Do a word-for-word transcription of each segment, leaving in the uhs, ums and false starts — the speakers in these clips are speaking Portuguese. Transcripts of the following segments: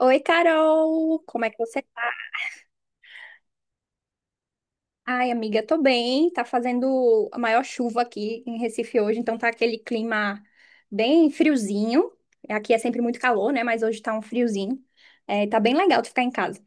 Oi, Carol! Como é que você tá? Ai, amiga, tô bem. Tá fazendo a maior chuva aqui em Recife hoje, então tá aquele clima bem friozinho. Aqui é sempre muito calor, né? Mas hoje tá um friozinho. É, tá bem legal de ficar em casa.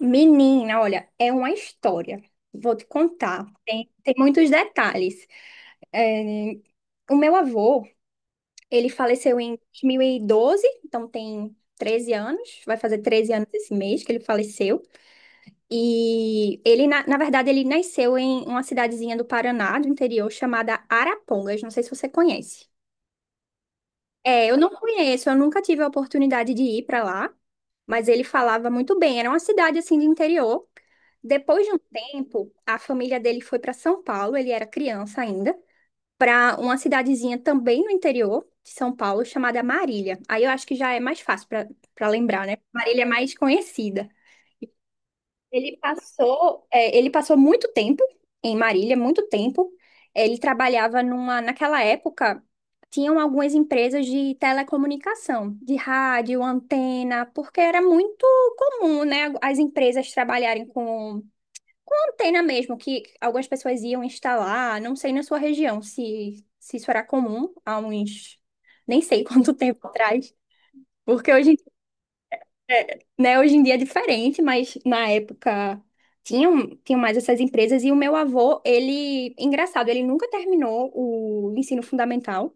Menina, olha, é uma história. Vou te contar. Tem, tem muitos detalhes. É, o meu avô, ele faleceu em dois mil e doze, então tem treze anos. Vai fazer treze anos esse mês que ele faleceu. E ele, na, na verdade, ele nasceu em uma cidadezinha do Paraná, do interior, chamada Arapongas. Não sei se você conhece. É, eu não conheço, eu nunca tive a oportunidade de ir para lá, mas ele falava muito bem. Era uma cidade assim de interior. Depois de um tempo, a família dele foi para São Paulo, ele era criança ainda, para uma cidadezinha também no interior de São Paulo chamada Marília. Aí eu acho que já é mais fácil para para lembrar, né? Marília é mais conhecida. Ele passou, é, ele passou muito tempo em Marília, muito tempo. Ele trabalhava numa, naquela época, tinham algumas empresas de telecomunicação, de rádio, antena, porque era muito comum, né, as empresas trabalharem com, com antena mesmo, que algumas pessoas iam instalar, não sei na sua região se, se isso era comum há uns, nem sei quanto tempo atrás, porque hoje é, né, hoje em dia é diferente, mas na época tinham, tinham mais essas empresas. E o meu avô, ele, engraçado, ele nunca terminou o ensino fundamental.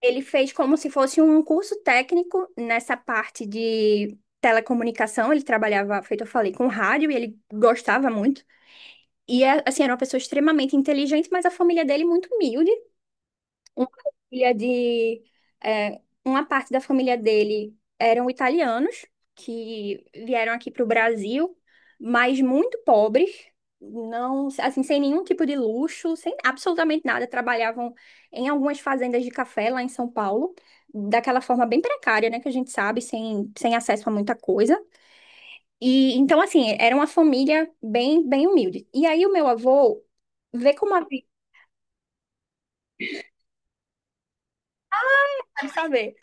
Ele fez como se fosse um curso técnico nessa parte de telecomunicação. Ele trabalhava, feito eu falei, com rádio e ele gostava muito. E, é, assim, era uma pessoa extremamente inteligente, mas a família dele muito humilde uma família de é, uma parte da família dele eram italianos que vieram aqui para o Brasil, mas muito pobres, não assim sem nenhum tipo de luxo, sem absolutamente nada, trabalhavam em algumas fazendas de café lá em São Paulo, daquela forma bem precária, né, que a gente sabe, sem, sem acesso a muita coisa. E então assim, era uma família bem bem humilde. E aí o meu avô vê como a vida, sabe?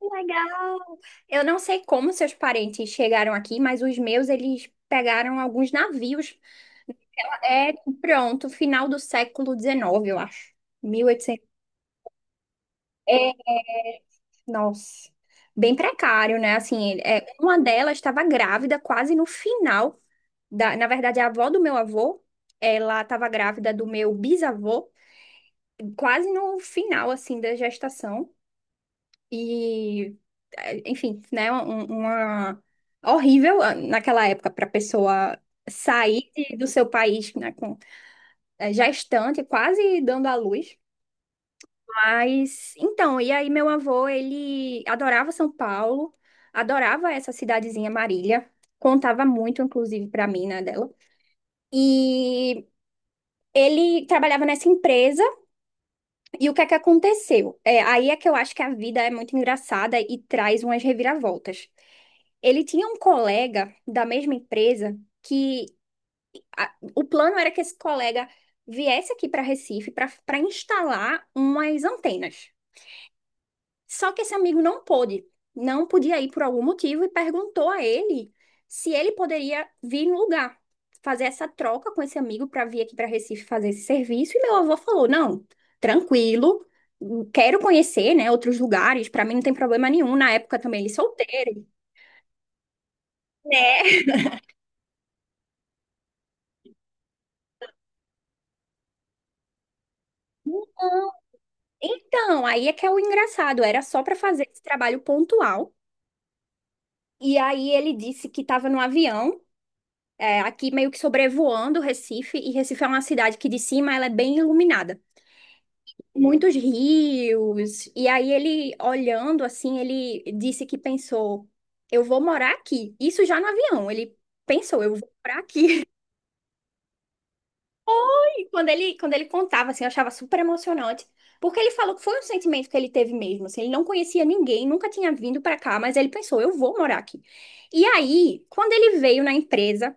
Que legal! Eu não sei como seus parentes chegaram aqui, mas os meus, eles pegaram alguns navios. É, pronto, final do século dezenove, eu acho. Mil e oitocentos. É, nossa. Bem precário, né? Assim, ele- é, uma delas estava grávida quase no final da, na verdade, a avó do meu avô, ela estava grávida do meu bisavô, quase no final, assim, da gestação. E, eh, enfim, né, um- uma horrível, ah, naquela época para a pessoa sair de- do seu país, né, com eh, já estante, quase dando à luz. Mas então, e aí meu avô, ele adorava São Paulo, adorava essa cidadezinha Marília, contava muito inclusive para mim, né, dela. E ele trabalhava nessa empresa. E o que é que aconteceu? É, aí é que eu acho que a vida é muito engraçada e traz umas reviravoltas. Ele tinha um colega da mesma empresa que a- o plano era que esse colega viesse aqui para Recife para para instalar umas antenas. Só que esse amigo não pôde, não podia ir por algum motivo e perguntou a ele se ele poderia vir no lugar, fazer essa troca com esse amigo para vir aqui para Recife fazer esse serviço. E meu avô falou: não, tranquilo, quero conhecer, né, outros lugares, para mim não tem problema nenhum. Na época também ele solteiro, né? Então, aí é que é o engraçado, era só para fazer esse trabalho pontual. E aí ele disse que estava no avião. É, aqui meio que sobrevoando Recife, e Recife é uma cidade que de cima ela é bem iluminada. Muitos rios. E aí ele olhando assim, ele disse que pensou, eu vou morar aqui. Isso já no avião, ele pensou, eu vou morar aqui. E quando ele quando ele contava assim, eu achava super emocionante, porque ele falou que foi um sentimento que ele teve mesmo, assim, ele não conhecia ninguém, nunca tinha vindo para cá, mas ele pensou, eu vou morar aqui. E aí, quando ele veio na empresa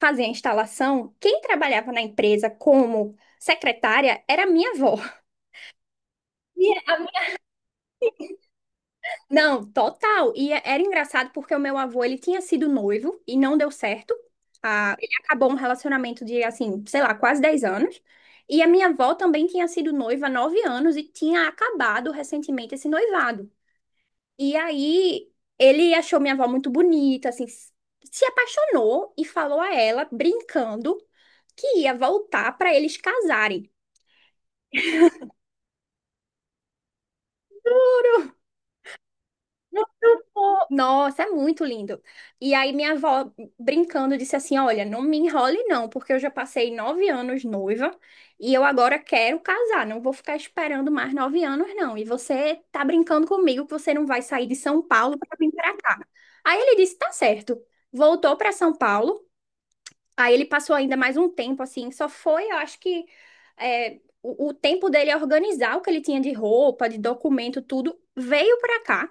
fazer a instalação, quem trabalhava na empresa como secretária era a minha avó. E a minha- Não, total. E é- era engraçado porque o meu avô, ele tinha sido noivo e não deu certo. Ah, ele acabou um relacionamento de, assim, sei lá, quase dez anos. E a minha avó também tinha sido noiva há nove anos e tinha acabado recentemente esse noivado. E aí ele achou minha avó muito bonita, assim, s- se apaixonou e falou a ela, brincando, que ia voltar para eles casarem. Nossa, é muito lindo. E aí minha avó brincando disse assim, olha, não me enrole não, porque eu já passei nove anos noiva e eu agora quero casar, não vou ficar esperando mais nove anos não. E você tá brincando comigo que você não vai sair de São Paulo para vir para cá. Aí ele disse, tá certo. Voltou para São Paulo. Aí ele passou ainda mais um tempo assim, só foi, eu acho que é, o, o tempo dele organizar o que ele tinha de roupa, de documento, tudo, veio para cá.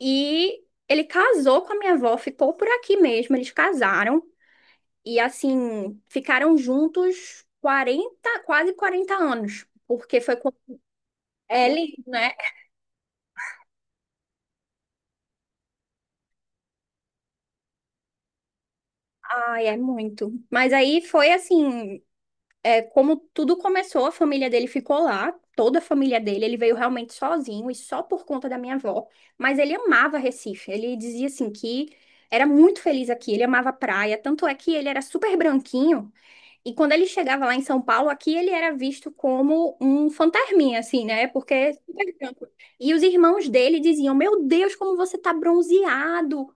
E ele casou com a minha avó, ficou por aqui mesmo. Eles casaram e, assim, ficaram juntos quarenta quase quarenta anos, porque foi com ele, né? Ai, é muito. Mas aí foi assim, é, como tudo começou, a família dele ficou lá, toda a família dele. Ele veio realmente sozinho e só por conta da minha avó. Mas ele amava Recife. Ele dizia assim que era muito feliz aqui. Ele amava a praia. Tanto é que ele era super branquinho. E quando ele chegava lá em São Paulo, aqui ele era visto como um fantasminha, assim, né? Porque é super branco. E os irmãos dele diziam: Meu Deus, como você tá bronzeado!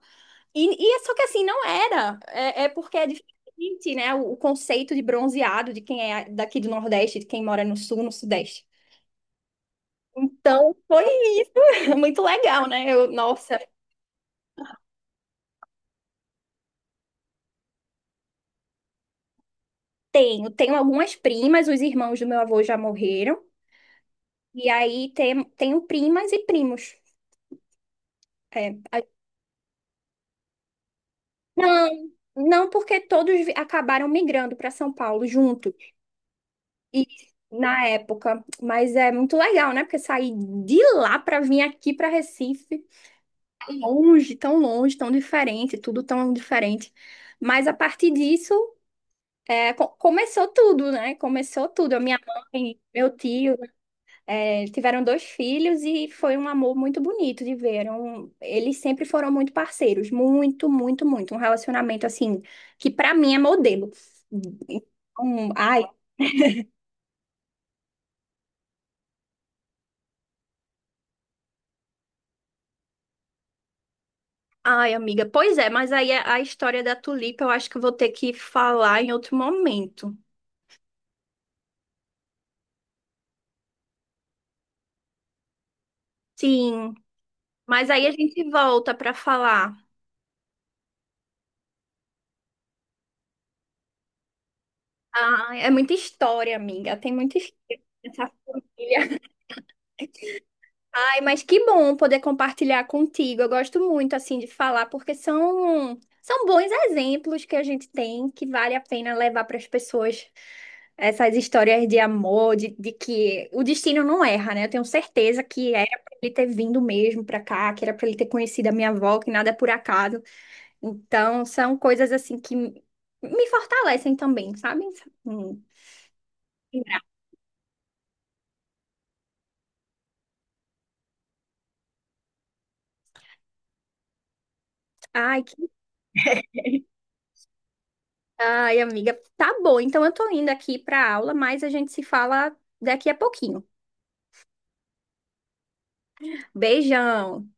E, e é só que assim, não era. É, é porque é diferente, né? O, o conceito de bronzeado de quem é daqui do Nordeste, de quem mora no Sul, no Sudeste. Então, foi isso. Muito legal, né? Eu, nossa, tenho. Tenho algumas primas, os irmãos do meu avô já morreram. E aí tem, tenho primas e primos. É. Não, não porque todos vi- acabaram migrando para São Paulo junto e na época, mas é muito legal, né? Porque sair de lá para vir aqui para Recife, longe, tão longe, tão diferente, tudo tão diferente. Mas a partir disso, é, co- começou tudo, né? Começou tudo. A minha mãe, meu tio É, tiveram dois filhos e foi um amor muito bonito de ver. Era um- Eles sempre foram muito parceiros, muito, muito, muito. Um relacionamento assim que pra mim é modelo. Então, ai, ai, amiga. Pois é, mas aí a a história da Tulipa eu acho que eu vou ter que falar em outro momento. Sim, mas aí a gente volta pra falar. Ah, é muita história, amiga. Tem muita história nessa família. Ai, mas que bom poder compartilhar contigo. Eu gosto muito assim de falar porque são são bons exemplos que a gente tem que vale a pena levar para as pessoas essas histórias de amor, de, de que o destino não erra, né? Eu tenho certeza que era para ele ter vindo mesmo para cá, que era para ele ter conhecido a minha avó, que nada é por acaso. Então, são coisas assim que me fortalecem também, sabe? Hum. Ai, Ai, amiga, tá bom. Então eu tô indo aqui pra aula, mas a gente se fala daqui a pouquinho. Beijão.